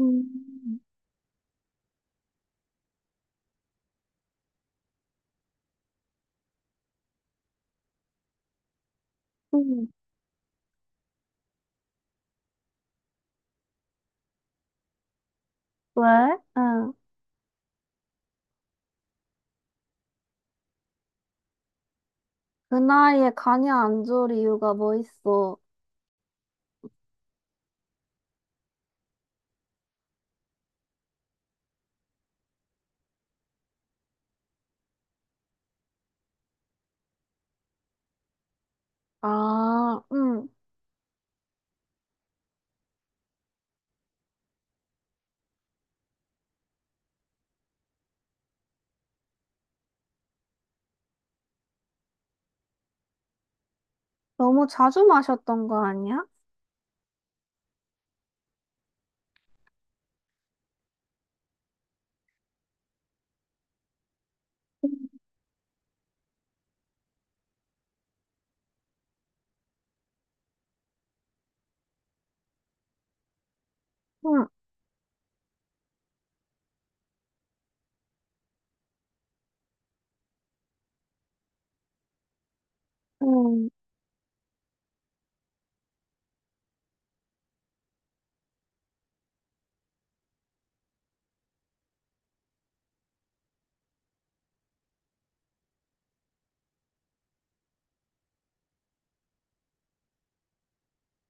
음, 음. 왜? 응. 그 나이에 간이 안 좋을 이유가 뭐 있어? 아, 응. 너무 자주 마셨던 거 아니야? 응, 응.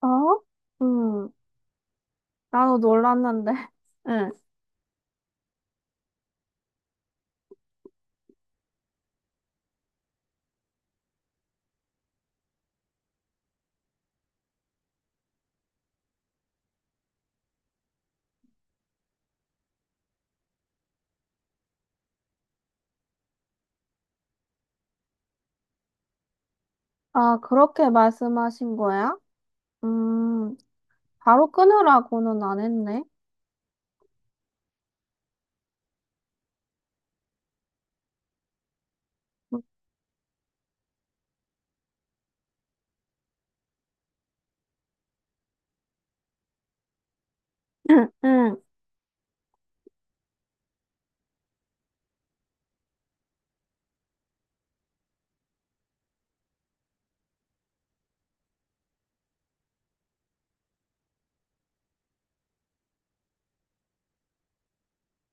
어? 응. 나도 놀랐는데. 응. 아, 그렇게 말씀하신 거야? 음, 바로 끊으라고는 안 했네. 응.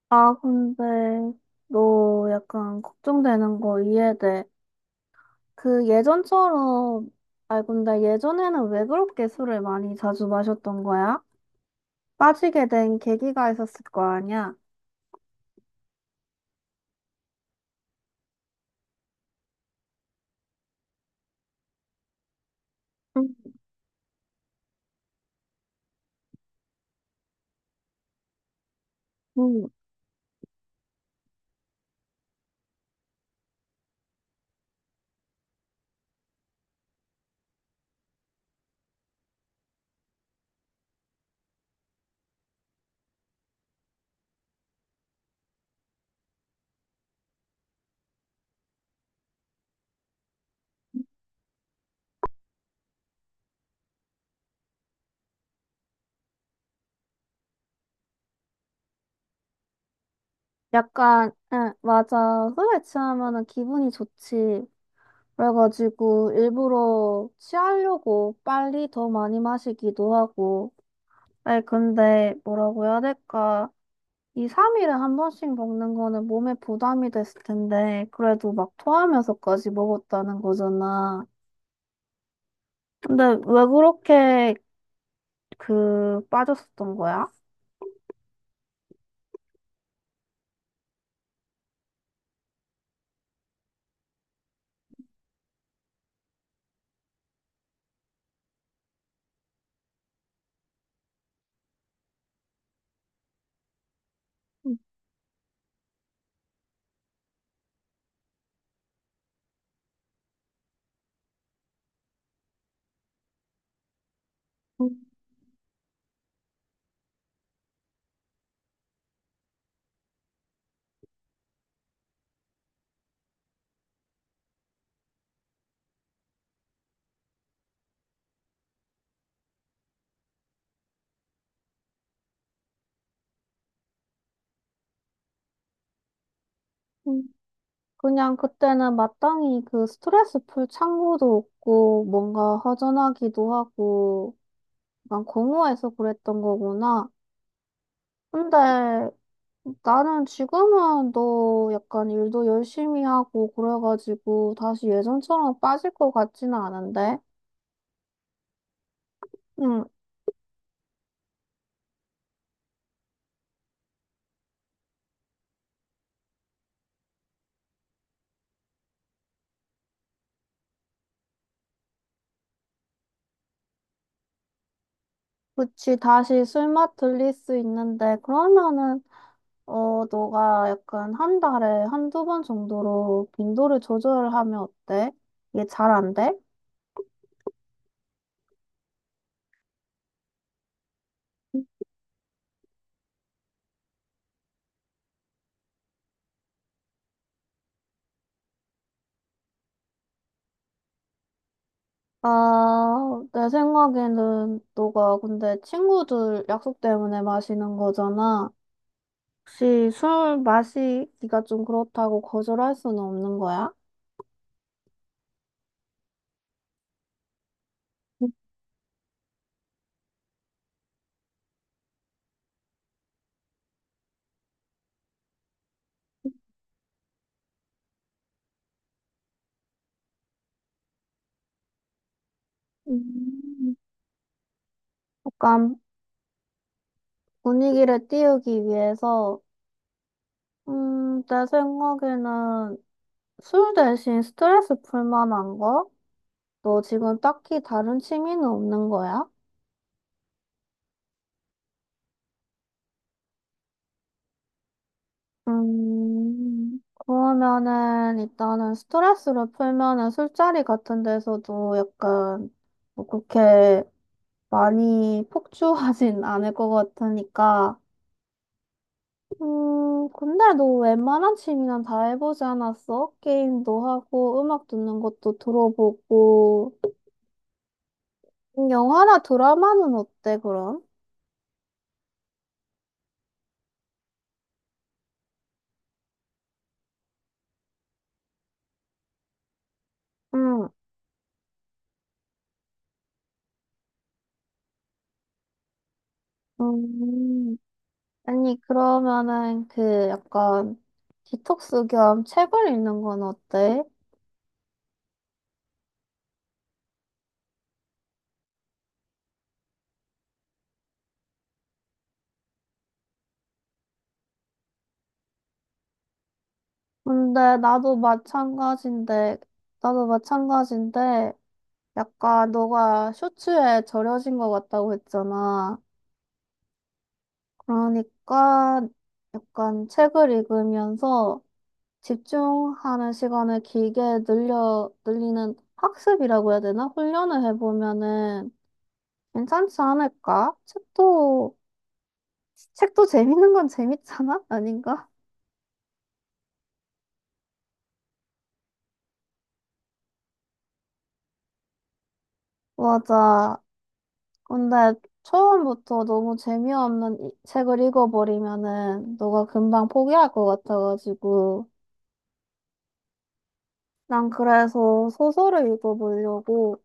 아, 근데 너 약간 걱정되는 거 이해돼. 그 예전처럼, 아이, 근데 예전에는 왜 그렇게 술을 많이 자주 마셨던 거야? 빠지게 된 계기가 있었을 거 아니야? 음, 음. 약간, 응, 맞아. 술에 취하면은 기분이 좋지. 그래가지고 일부러 취하려고 빨리 더 많이 마시기도 하고. 아니, 근데 뭐라고 해야 될까? 이 3일에 한 번씩 먹는 거는 몸에 부담이 됐을 텐데, 그래도 막 토하면서까지 먹었다는 거잖아. 근데 왜 그렇게 그 빠졌었던 거야? 음, 음. 그냥 그때는 마땅히 그 스트레스 풀 창구도 없고 뭔가 허전하기도 하고 난 공허해서 그랬던 거구나. 근데 나는 지금은 너 약간 일도 열심히 하고 그래가지고 다시 예전처럼 빠질 것 같지는 않은데. 응, 그치 다시 술맛 들릴 수 있는데 그러면은 어, 너가 약간 한 달에 한두 번 정도로 빈도를 조절하면 어때? 이게 잘 안 돼? 아, 내 생각에는 너가 근데 친구들 약속 때문에 마시는 거잖아. 혹시 술 마시기가 좀 그렇다고 거절할 수는 없는 거야? 음, 약간 분위기를 띄우기 위해서, 내 생각에는 술 대신 스트레스 풀 만한 거? 너 지금 딱히 다른 취미는 없는 거야? 그러면은 일단은 스트레스를 풀면은 술자리 같은 데서도 약간 뭐 그렇게 많이 폭주하진 않을 것 같으니까. 근데 너 웬만한 취미는 다 해보지 않았어? 게임도 하고 음악 듣는 것도 들어보고. 영화나 드라마는 어때, 그럼? 응. 음. 아니, 그러면은 그 약간 디톡스 겸 책을 읽는 건 어때? 근데 나도 마찬가지인데, 나도 마찬가지인데, 약간 너가 쇼츠에 절여진 것 같다고 했잖아. 그러니까 약간 책을 읽으면서 집중하는 시간을 길게 늘려, 늘리는 학습이라고 해야 되나? 훈련을 해보면은 괜찮지 않을까? 책도 재밌는 건 재밌잖아? 아닌가? 맞아. 근데 처음부터 너무 재미없는 책을 읽어버리면은 너가 금방 포기할 것 같아가지고. 난 그래서 소설을 읽어보려고.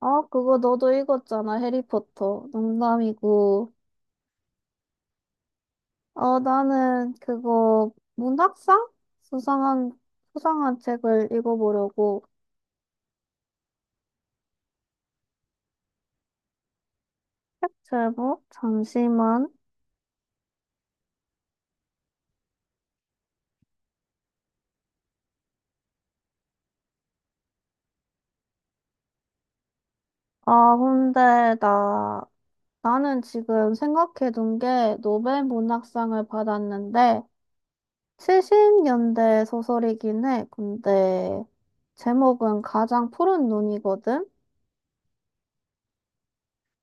아, 그거 너도 읽었잖아. 해리포터. 농담이고. 어, 나는 그거 문학상? 수상한, 수상한 책을 읽어보려고. 책 제목? 잠시만. 아, 근데 나 나는 지금 생각해 둔 게 노벨 문학상을 받았는데 70년대 소설이긴 해. 근데 제목은 가장 푸른 눈이거든.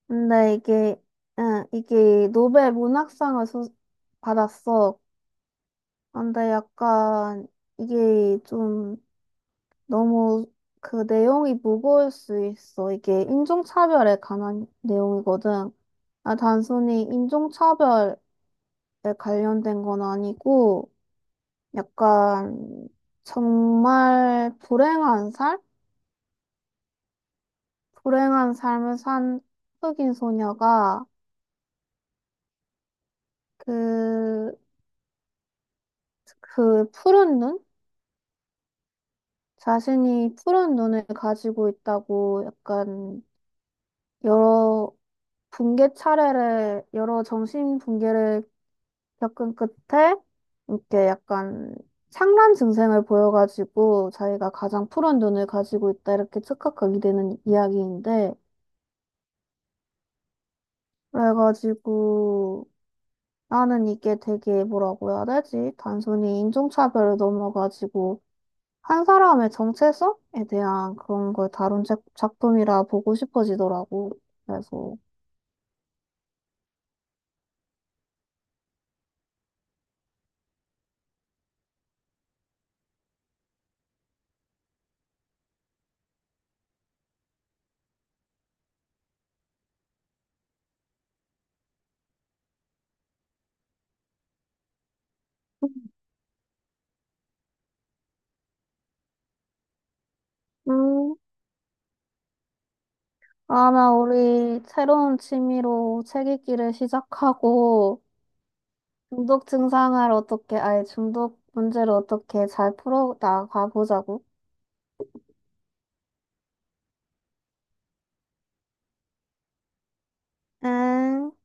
근데 이게 응, 이게 노벨 문학상을 받았어. 근데 약간 이게 좀 너무 그 내용이 무거울 수 있어. 이게 인종차별에 관한 내용이거든. 아, 단순히 인종차별에 관련된 건 아니고 약간 정말 불행한 삶? 불행한 삶을 산 흑인 소녀가 그, 그 푸른 눈? 자신이 푸른 눈을 가지고 있다고 약간 여러 여러 정신 붕괴를 겪은 끝에 이렇게 약간 상란 증세를 보여가지고 자기가 가장 푸른 눈을 가지고 있다 이렇게 착각하게 되는 이야기인데 그래가지고 나는 이게 되게 뭐라고 해야 되지? 단순히 인종차별을 넘어가지고 한 사람의 정체성에 대한 그런 걸 다룬 작품이라 보고 싶어지더라고. 그래서 음, 아마 우리 새로운 취미로 책 읽기를 시작하고 중독 증상을 어떻게, 아니 중독 문제를 어떻게 잘 풀어 나가 보자고. 응.